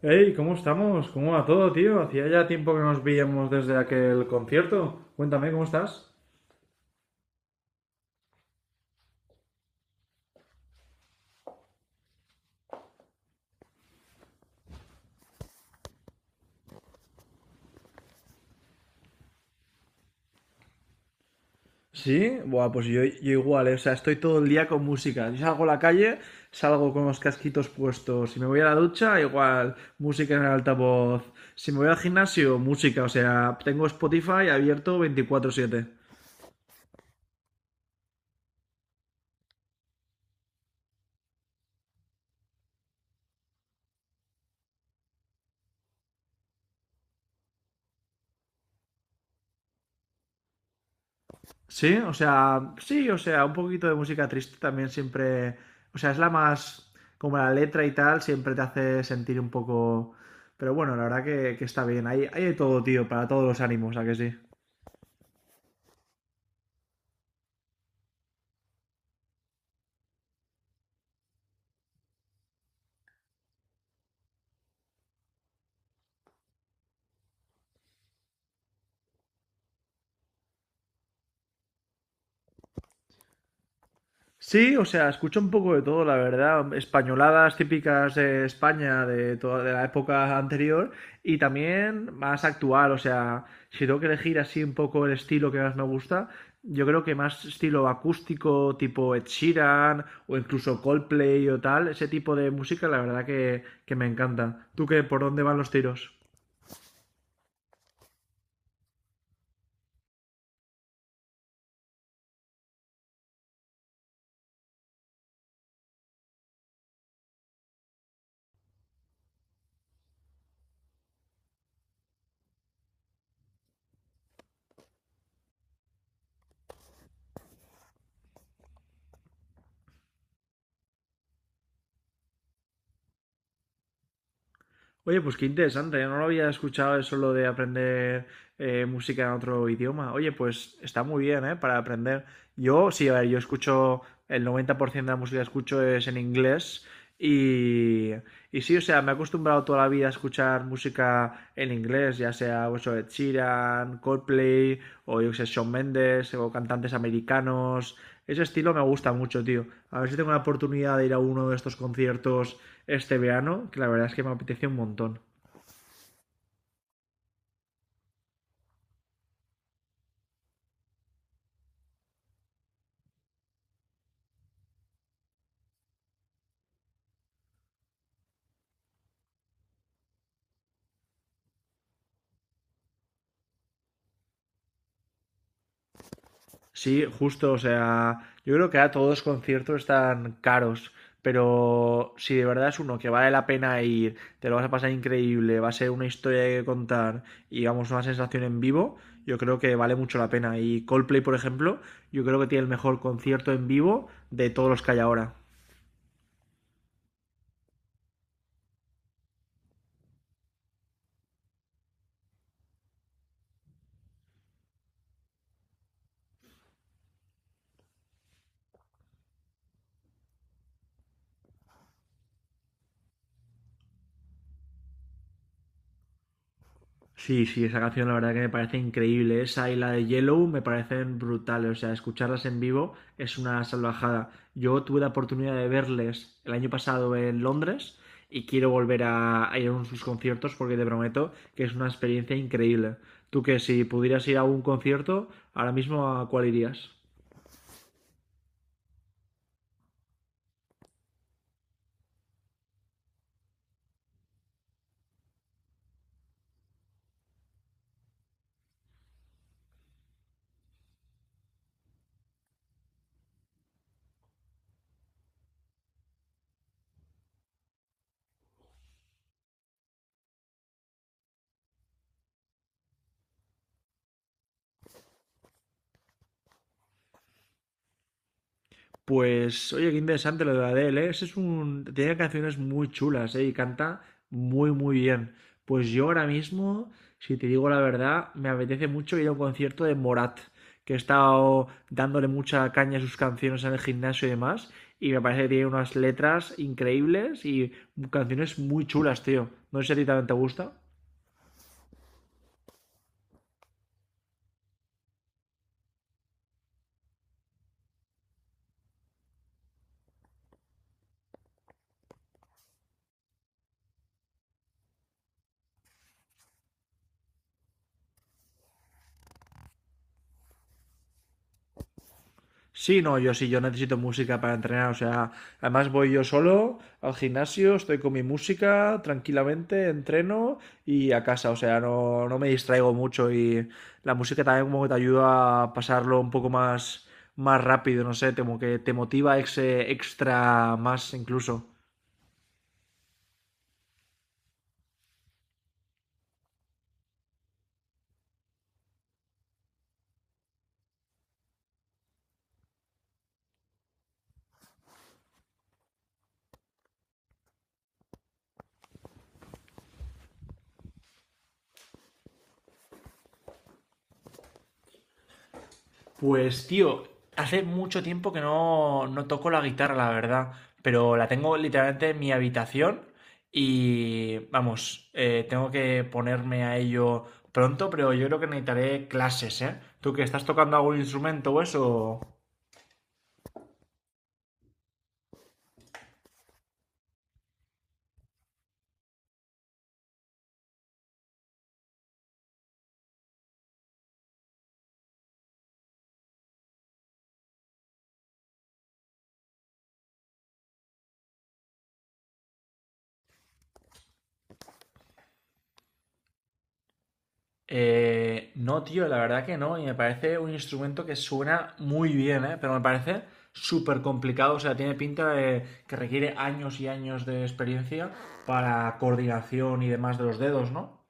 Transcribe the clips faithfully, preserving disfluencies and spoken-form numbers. Hey, ¿cómo estamos? ¿Cómo va todo, tío? Hacía ya tiempo que nos veíamos desde aquel concierto. Cuéntame, ¿cómo estás? Sí, buah, pues yo, yo igual, eh, o sea, estoy todo el día con música. Yo salgo a la calle, salgo con los casquitos puestos. Si me voy a la ducha, igual, música en el altavoz. Si me voy al gimnasio, música. O sea, tengo Spotify abierto veinticuatro siete. Sí, o sea, sí, o sea, un poquito de música triste también siempre, o sea, es la más, como la letra y tal, siempre te hace sentir un poco, pero bueno, la verdad que, que está bien, hay, hay de todo, tío, para todos los ánimos, ¿a que sí? Sí, o sea, escucho un poco de todo, la verdad. Españoladas típicas de España de toda de la época anterior y también más actual. O sea, si tengo que elegir así un poco el estilo que más me gusta, yo creo que más estilo acústico, tipo Ed Sheeran o incluso Coldplay o tal, ese tipo de música, la verdad que, que me encanta. ¿Tú qué, por dónde van los tiros? Oye, pues qué interesante, yo no lo había escuchado eso lo de aprender eh, música en otro idioma. Oye, pues está muy bien, ¿eh? Para aprender. Yo, sí, a ver, yo escucho, el noventa por ciento de la música que escucho es en inglés y, y sí, o sea, me he acostumbrado toda la vida a escuchar música en inglés, ya sea eso de Ed Sheeran, Coldplay o yo que sé, Shawn Mendes o cantantes americanos, ese estilo me gusta mucho, tío. A ver si tengo la oportunidad de ir a uno de estos conciertos este verano, que la verdad es que me apetece un montón. Sí, justo, o sea, yo creo que a todos los conciertos están caros, pero si de verdad es uno que vale la pena ir, te lo vas a pasar increíble, va a ser una historia que contar y vamos, una sensación en vivo, yo creo que vale mucho la pena. Y Coldplay, por ejemplo, yo creo que tiene el mejor concierto en vivo de todos los que hay ahora. Sí, sí, esa canción la verdad que me parece increíble. Esa y la de Yellow me parecen brutales. O sea, escucharlas en vivo es una salvajada. Yo tuve la oportunidad de verles el año pasado en Londres y quiero volver a, a ir a uno de sus conciertos porque te prometo que es una experiencia increíble. Tú que si pudieras ir a un concierto, ahora mismo, ¿a cuál irías? Pues, oye, qué interesante lo de Adele, ¿eh? Ese es un... Tiene canciones muy chulas, ¿eh? Y canta muy, muy bien. Pues yo ahora mismo, si te digo la verdad, me apetece mucho ir a un concierto de Morat, que he estado dándole mucha caña a sus canciones en el gimnasio y demás, y me parece que tiene unas letras increíbles y canciones muy chulas, tío. No sé si a ti también te gusta. Sí, no, yo sí, yo necesito música para entrenar, o sea, además voy yo solo al gimnasio, estoy con mi música tranquilamente, entreno y a casa, o sea, no, no me distraigo mucho y la música también como que te ayuda a pasarlo un poco más, más rápido, no sé, como que te motiva ese extra más incluso. Pues tío, hace mucho tiempo que no, no toco la guitarra, la verdad, pero la tengo literalmente en mi habitación y vamos, eh, tengo que ponerme a ello pronto, pero yo creo que necesitaré clases, ¿eh? ¿Tú que estás tocando algún instrumento o eso? Eh, no, tío, la verdad que no, y me parece un instrumento que suena muy bien, ¿eh? Pero me parece súper complicado, o sea, tiene pinta de que requiere años y años de experiencia para coordinación y demás de los dedos, ¿no?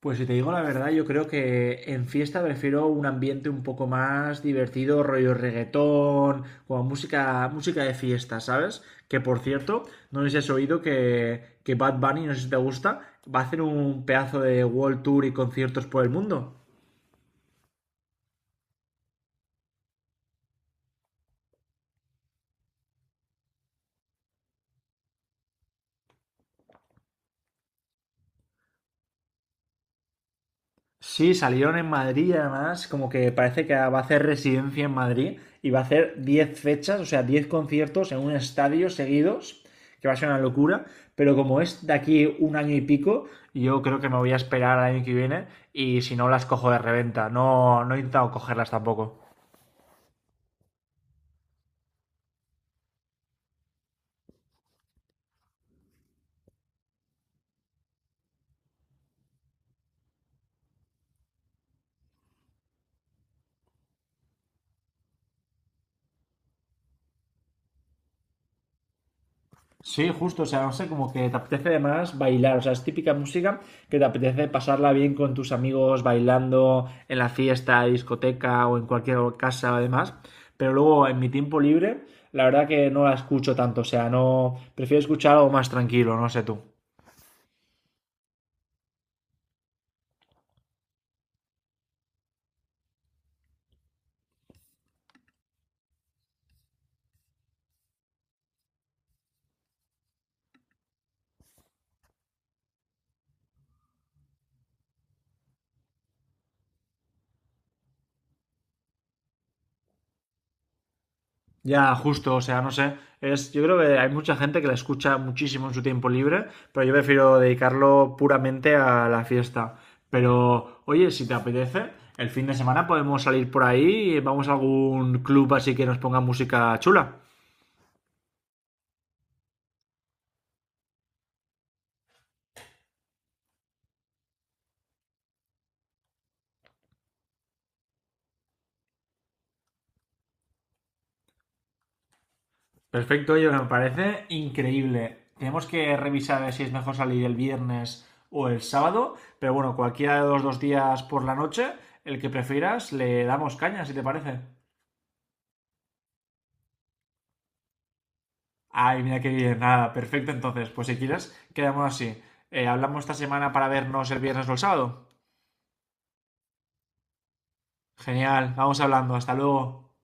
Pues si te digo la verdad, yo creo que en fiesta prefiero un ambiente un poco más divertido, rollo reggaetón, como música, música de fiesta, ¿sabes? Que por cierto, no sé si has oído que, que Bad Bunny, no sé si te gusta, va a hacer un pedazo de World Tour y conciertos por el mundo. Sí, salieron en Madrid, además, como que parece que va a hacer residencia en Madrid y va a hacer diez fechas, o sea, diez conciertos en un estadio seguidos, que va a ser una locura, pero como es de aquí un año y pico, yo creo que me voy a esperar al año que viene y si no las cojo de reventa, no, no he intentado cogerlas tampoco. Sí, justo, o sea, no sé, como que te apetece además bailar, o sea, es típica música que te apetece pasarla bien con tus amigos bailando en la fiesta, discoteca o en cualquier casa además, pero luego en mi tiempo libre, la verdad que no la escucho tanto, o sea, no, prefiero escuchar algo más tranquilo, no sé tú. Ya, justo, o sea, no sé. Es, yo creo que hay mucha gente que la escucha muchísimo en su tiempo libre, pero yo prefiero dedicarlo puramente a la fiesta. Pero, oye, si te apetece, el fin de semana podemos salir por ahí y vamos a algún club así que nos ponga música chula. Perfecto, oye, me parece increíble. Tenemos que revisar a ver si es mejor salir el viernes o el sábado, pero bueno, cualquiera de los dos días por la noche, el que prefieras, le damos caña, si te parece. Ay, mira qué bien, nada, perfecto. Entonces, pues si quieres, quedamos así. Eh, hablamos esta semana para vernos el viernes o el sábado. Genial, vamos hablando, hasta luego.